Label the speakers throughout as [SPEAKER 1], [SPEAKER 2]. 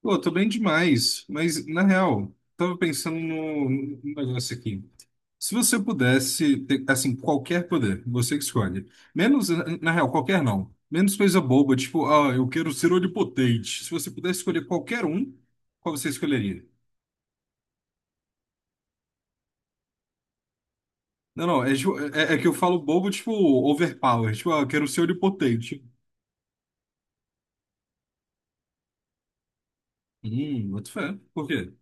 [SPEAKER 1] Pô, tô bem demais, mas na real, tava pensando no negócio aqui. Se você pudesse ter, assim, qualquer poder, você que escolhe. Menos, na real, qualquer não. Menos coisa boba, tipo, ah, eu quero ser onipotente. Se você pudesse escolher qualquer um, qual você escolheria? Não, não, é, é que eu falo bobo, tipo, overpower. Tipo, ah, eu quero ser onipotente. Boto fé. Por quê?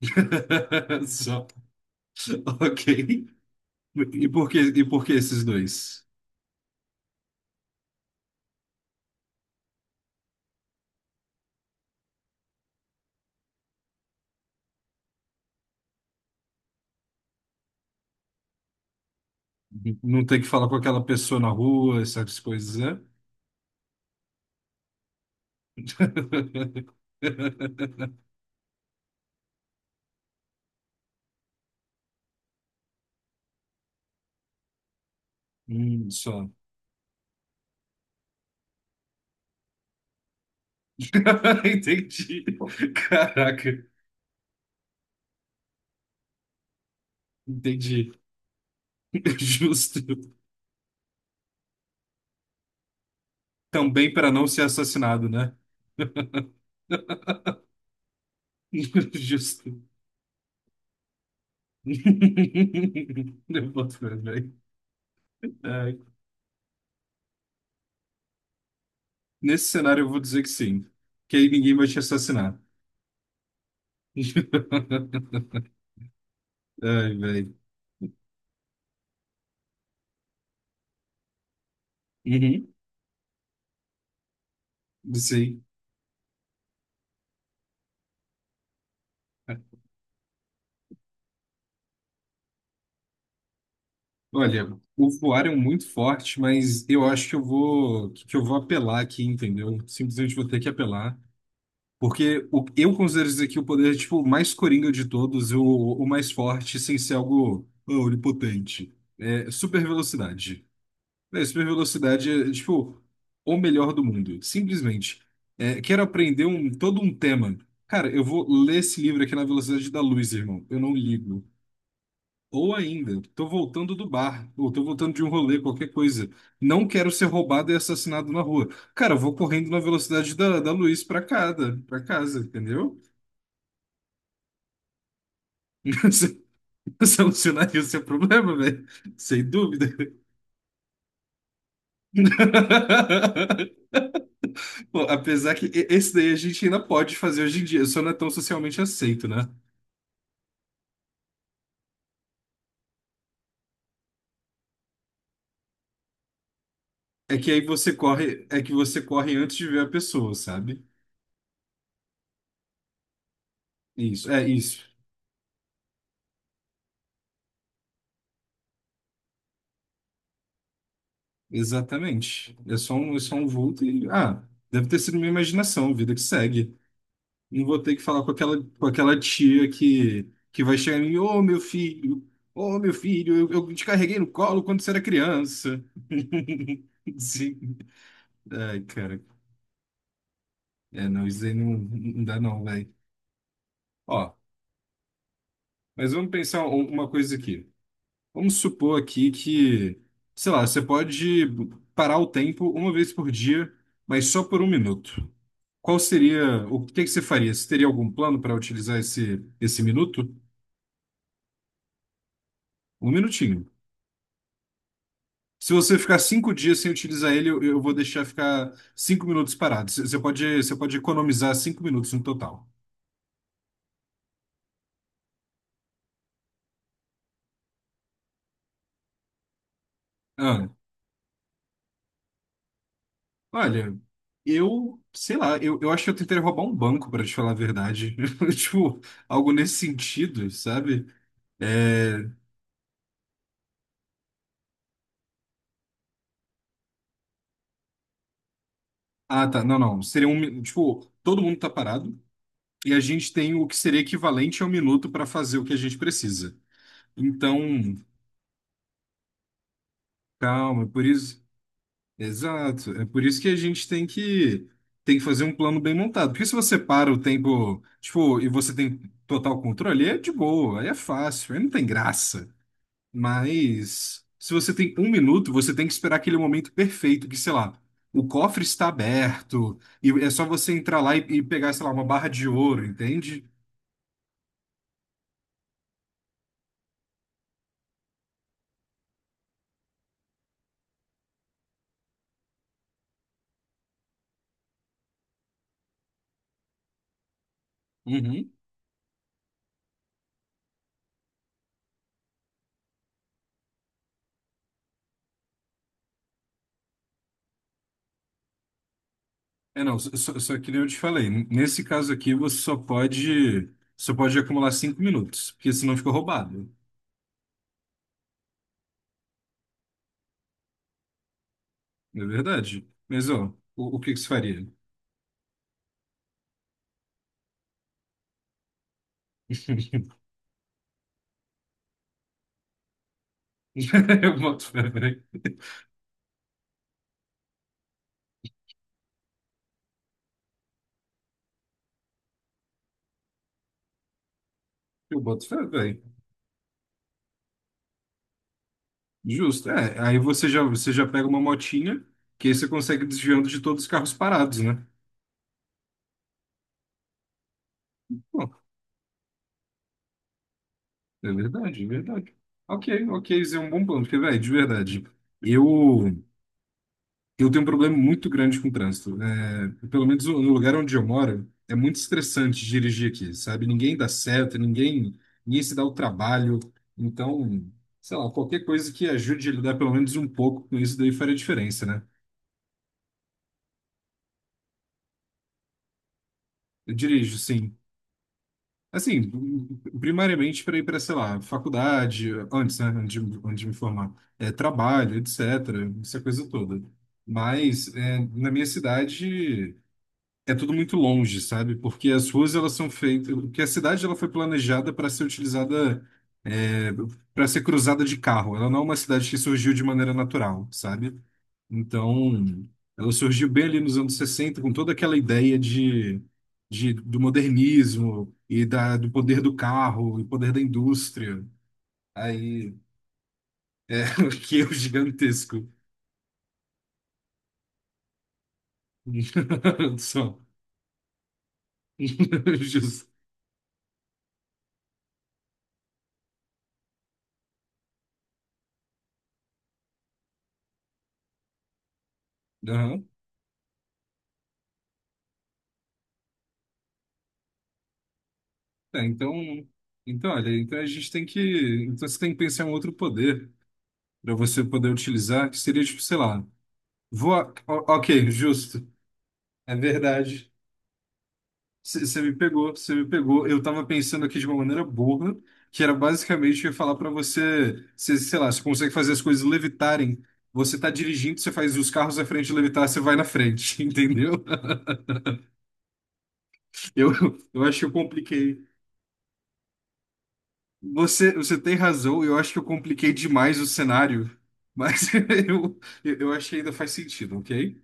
[SPEAKER 1] Só. Ok. E por que esses dois? Não ter que falar com aquela pessoa na rua, essas coisas, né? Só. Entendi. Caraca, entendi. Justo. Também para não ser assassinado, né? Justo. Eu boto fé, velho. Ai. Nesse cenário eu vou dizer que sim. Que aí ninguém vai te assassinar. Ai, velho. Uhum. Sim. Olha, o voar é muito forte, mas eu acho que eu vou apelar aqui, entendeu? Simplesmente vou ter que apelar, porque eu considero isso aqui o poder tipo o mais coringa de todos, o mais forte, sem ser algo onipotente. É super velocidade. É, super velocidade é tipo o melhor do mundo, simplesmente. É, quero aprender um todo um tema. Cara, eu vou ler esse livro aqui na velocidade da luz, irmão. Eu não ligo. Ou ainda, tô voltando do bar, ou tô voltando de um rolê, qualquer coisa. Não quero ser roubado e assassinado na rua. Cara, eu vou correndo na velocidade da luz pra casa, entendeu? Solucionar isso é problema, velho. Sem dúvida. Pô, apesar que esse daí a gente ainda pode fazer hoje em dia, só não é tão socialmente aceito, né? É que aí você corre, é que você corre antes de ver a pessoa, sabe? Isso, é isso. Exatamente. É só um vulto e. Ah, deve ter sido minha imaginação, vida que segue. Não vou ter que falar com com aquela tia que vai chegar em mim, ô meu filho, eu te carreguei no colo quando você era criança. Sim. Ai, cara. É, não, isso aí não, não dá não, velho. Ó, mas vamos pensar uma coisa aqui. Vamos supor aqui que, sei lá, você pode parar o tempo uma vez por dia, mas só por um minuto. Qual seria, o que que você faria? Você teria algum plano para utilizar esse minuto? Um minutinho. Se você ficar cinco dias sem utilizar ele, eu vou deixar ficar cinco minutos parado. Você pode economizar cinco minutos no total. Ah, olha, sei lá, eu acho que eu tentaria roubar um banco, para te falar a verdade. Tipo, algo nesse sentido, sabe? É, ah, tá. Não, não. Seria um. Tipo, todo mundo tá parado e a gente tem o que seria equivalente a um minuto para fazer o que a gente precisa. Então, calma, é por isso. Exato. É por isso que a gente tem que fazer um plano bem montado. Porque se você para o tempo, tipo, e você tem total controle, aí é de boa, aí é fácil, aí não tem graça. Mas se você tem um minuto, você tem que esperar aquele momento perfeito, que, sei lá, o cofre está aberto, e é só você entrar lá e pegar, sei lá, uma barra de ouro, entende? Uhum. É, não, só que nem eu te falei, nesse caso aqui você só pode acumular cinco minutos, porque senão fica roubado. É verdade. Mas, ó, o que que você faria? Eu boto fé, velho. Eu boto fé, velho. Justo. É, aí você já pega uma motinha, que aí você consegue desviando de todos os carros parados, né? Pô, é verdade, é verdade. Ok, ok, isso é um bom plano, porque, velho, de verdade, eu, eu tenho um problema muito grande com o trânsito. É, pelo menos no lugar onde eu moro, é muito estressante dirigir aqui, sabe? Ninguém dá certo, ninguém se dá o trabalho. Então, sei lá, qualquer coisa que ajude a lidar pelo menos um pouco com isso daí faria diferença, né? Eu dirijo, sim. Assim, primariamente para ir para, sei lá, faculdade, antes, né, antes de me formar, é, trabalho, etc., essa coisa toda. Mas é, na minha cidade é tudo muito longe, sabe? Porque as ruas elas são feitas, porque a cidade ela foi planejada para ser utilizada, é, para ser cruzada de carro. Ela não é uma cidade que surgiu de maneira natural, sabe? Então, ela surgiu bem ali nos anos 60 com toda aquela ideia do modernismo e do poder do carro e poder da indústria. Aí, que é o gigantesco. Só. Justo. Aham. É, então, olha, então a gente tem que. Então você tem que pensar em um outro poder para você poder utilizar, que seria, tipo, sei lá. Voar. Ok, justo. É verdade. Você me pegou, você me pegou. Eu tava pensando aqui de uma maneira burra, que era basicamente eu ia falar pra você, cê, sei lá, você consegue fazer as coisas levitarem. Você tá dirigindo, você faz os carros à frente levitar, você vai na frente, entendeu? Eu, eu acho que eu compliquei. Você tem razão, eu acho que eu compliquei demais o cenário, mas eu acho que ainda faz sentido, ok?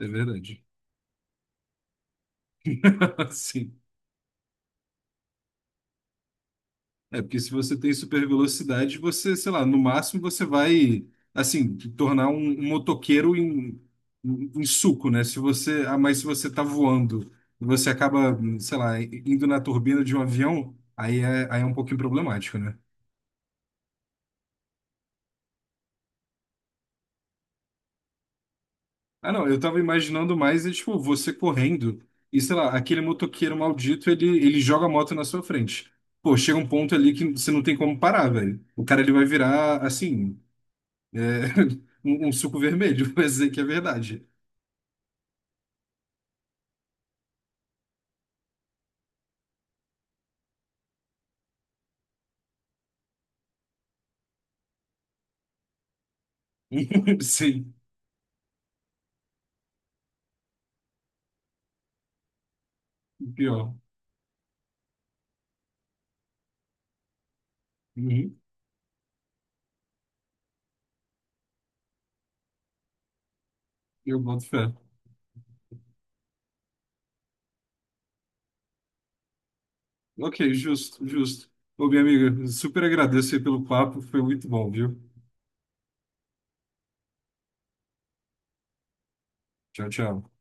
[SPEAKER 1] É verdade. Sim. É, porque se você tem super velocidade, você, sei lá, no máximo você vai, assim, te tornar um motoqueiro em suco, né? Se você, ah, mas se você tá voando e você acaba, sei lá, indo na turbina de um avião, aí é um pouquinho problemático, né? Ah, não, eu tava imaginando mais, é, tipo, você correndo e, sei lá, aquele motoqueiro maldito, ele joga a moto na sua frente. Pô, chega um ponto ali que você não tem como parar, velho. O cara, ele vai virar, assim. É, um suco vermelho, mas dizer que é verdade. Sim, pior. Uhum, eu boto fé. Ok, justo, justo. Ô, minha amiga, super agradeço aí pelo papo, foi muito bom, viu? Tchau, tchau.